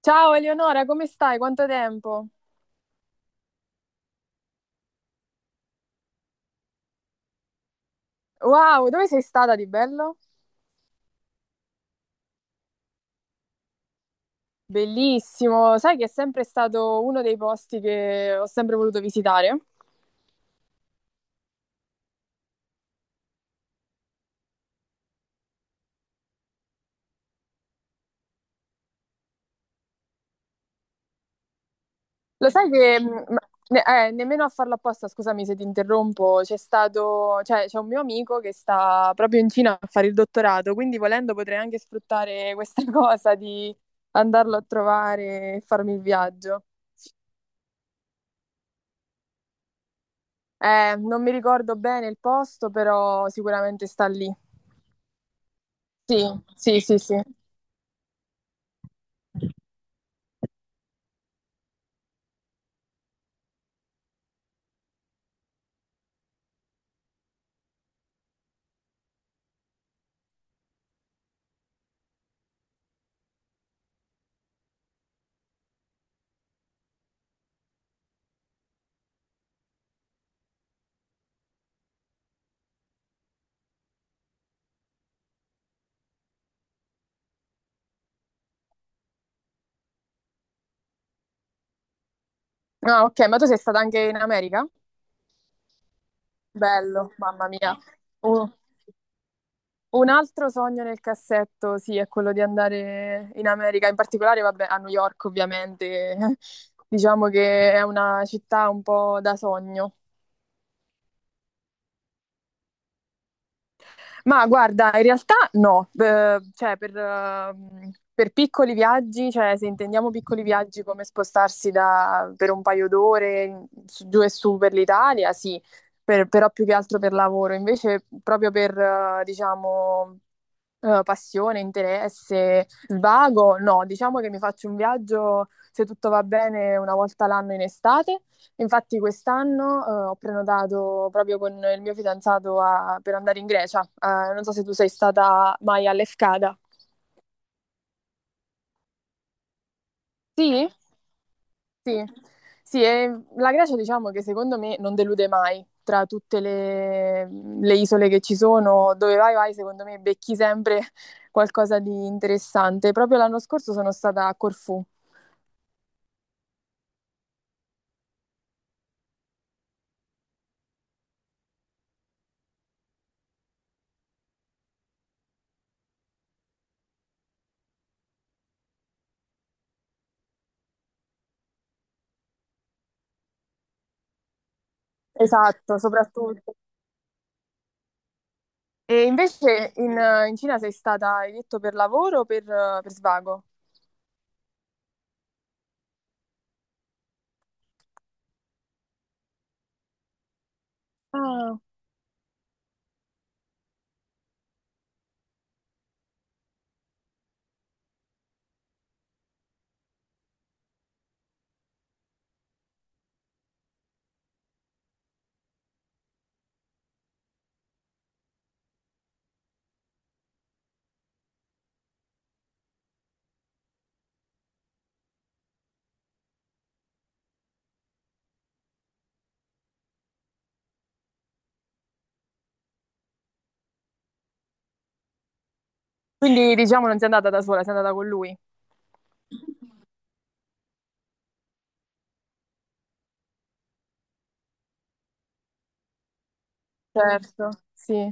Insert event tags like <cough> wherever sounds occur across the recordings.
Ciao Eleonora, come stai? Quanto tempo? Wow, dove sei stata di bello? Bellissimo, sai che è sempre stato uno dei posti che ho sempre voluto visitare. Lo sai che, ne- nemmeno a farlo apposta, scusami se ti interrompo, c'è stato, cioè c'è un mio amico che sta proprio in Cina a fare il dottorato, quindi volendo potrei anche sfruttare questa <laughs> cosa di andarlo a trovare e farmi il viaggio. Non mi ricordo bene il posto, però sicuramente sta lì. Sì, sì, sì, sì. Ah, ok, ma tu sei stata anche in America? Bello, mamma mia. Un, un altro sogno nel cassetto, sì, è quello di andare in America, in particolare, vabbè, a New York, ovviamente. <laughs> Diciamo che è una città un po' da sogno. Ma guarda, in realtà no, cioè per piccoli viaggi, cioè se intendiamo piccoli viaggi come spostarsi per un paio d'ore giù e su per l'Italia, sì, però più che altro per lavoro, invece proprio per, diciamo, passione, interesse, svago, no, diciamo che mi faccio un viaggio, se tutto va bene, una volta l'anno in estate. Infatti quest'anno, ho prenotato proprio con il mio fidanzato per andare in Grecia. Non so se tu sei stata mai all'Efcada. Sì? Sì. Sì, e la Grecia diciamo che secondo me non delude mai. Tra tutte le isole che ci sono, dove vai vai, secondo me becchi sempre qualcosa di interessante. Proprio l'anno scorso sono stata a Corfù. Esatto, soprattutto. E invece in Cina sei stata, hai detto, per lavoro o per svago? Ah. Quindi diciamo non sei andata da sola, sei andata con lui. Certo. Sì.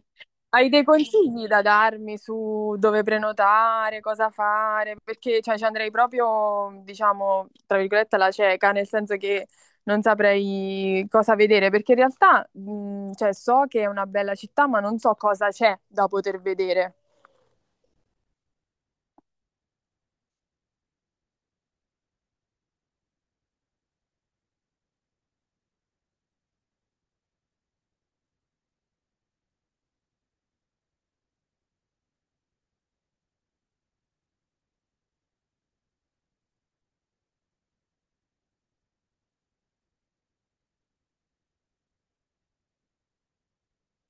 Hai dei consigli da darmi su dove prenotare, cosa fare? Perché cioè, ci andrei proprio, diciamo, tra virgolette, alla cieca, nel senso che non saprei cosa vedere, perché in realtà cioè, so che è una bella città, ma non so cosa c'è da poter vedere.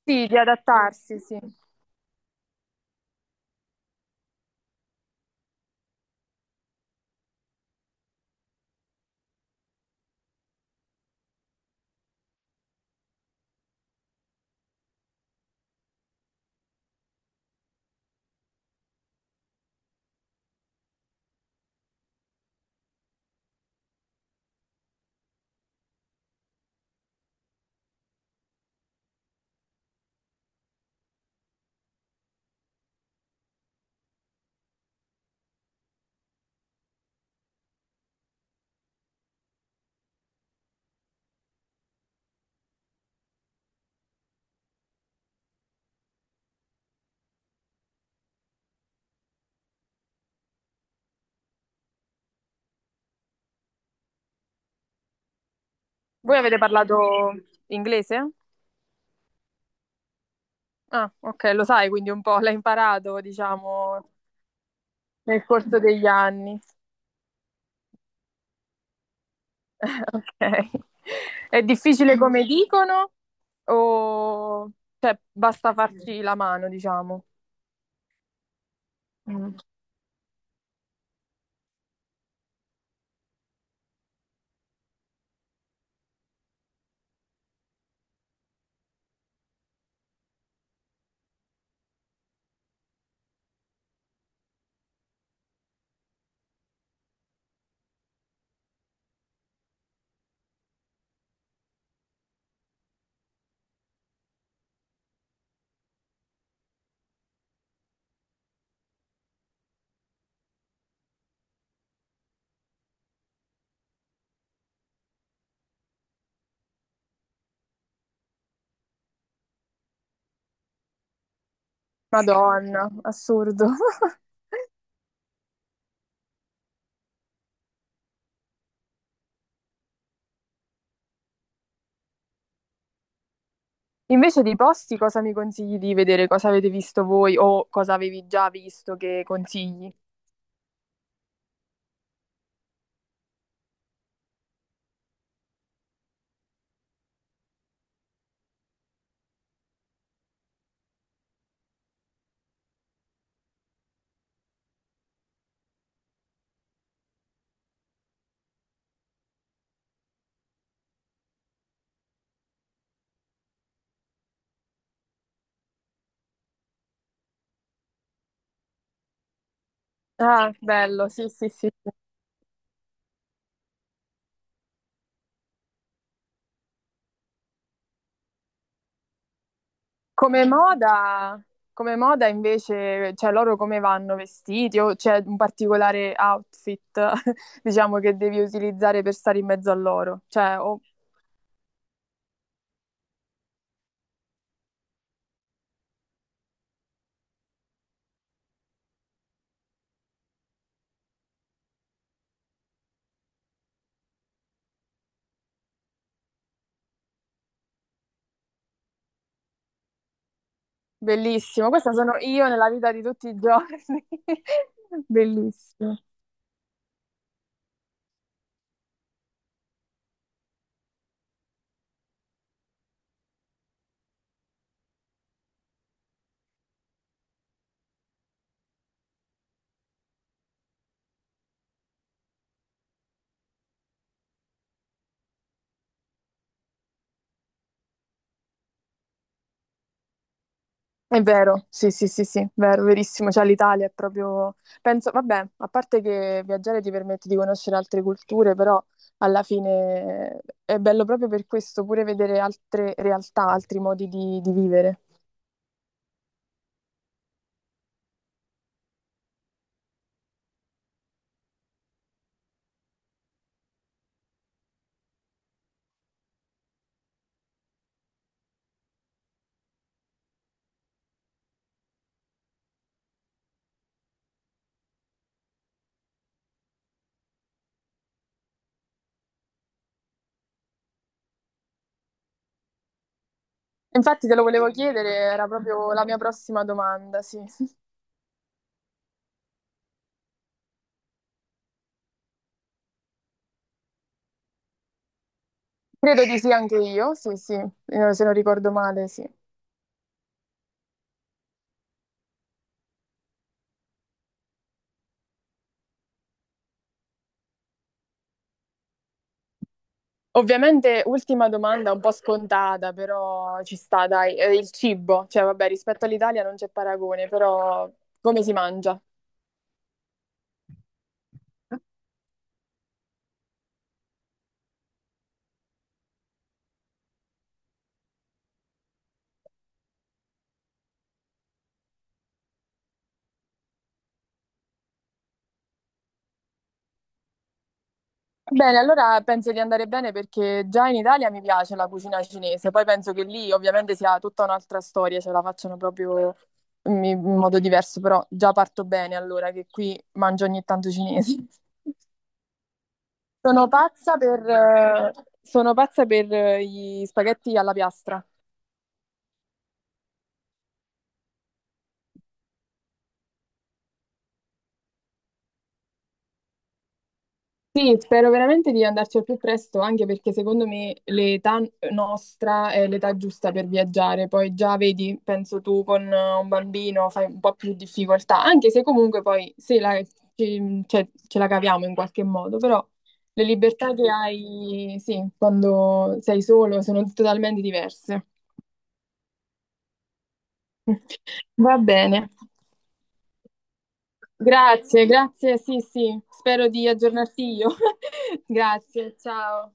Sì, di adattarsi, sì. Voi avete parlato inglese? Ah, ok, lo sai, quindi un po' l'hai imparato, diciamo, nel corso degli anni. <laughs> Ok. È difficile come dicono o cioè, basta farci la mano, diciamo? Mm. Madonna, assurdo. <laughs> Invece dei posti, cosa mi consigli di vedere? Cosa avete visto voi o cosa avevi già visto che consigli? Ah, bello, sì, sì, sì. Come moda, come moda invece, cioè loro come vanno vestiti o c'è un particolare outfit, <laughs> diciamo, che devi utilizzare per stare in mezzo a loro? Cioè, o bellissimo, questa sono io nella vita di tutti i giorni. <laughs> Bellissimo. È vero, sì, sì, sì, sì, vero, verissimo. Cioè l'Italia è proprio, penso, vabbè, a parte che viaggiare ti permette di conoscere altre culture, però alla fine è bello proprio per questo, pure vedere altre realtà, altri modi di vivere. Infatti te lo volevo chiedere, era proprio la mia prossima domanda, sì. <laughs> Credo di sì anche io, sì, sì. Se non ricordo male, sì. Ovviamente, ultima domanda un po' scontata, però ci sta, dai. Il cibo, cioè vabbè, rispetto all'Italia non c'è paragone, però come si mangia? Bene, allora penso di andare bene perché già in Italia mi piace la cucina cinese, poi penso che lì ovviamente sia tutta un'altra storia, ce la facciano proprio in modo diverso, però già parto bene allora che qui mangio ogni tanto cinese. <laughs> Sono pazza per, eh, Sono pazza per gli spaghetti alla piastra. Sì, spero veramente di andarci al più presto, anche perché secondo me l'età nostra è l'età giusta per viaggiare. Poi già vedi, penso tu con un bambino fai un po' più difficoltà, anche se comunque poi sì, ce la caviamo in qualche modo, però le libertà che hai, sì, quando sei solo sono totalmente diverse. <laughs> Va bene. Grazie, grazie, sì, sì, spero di aggiornarti io. <laughs> Grazie, ciao.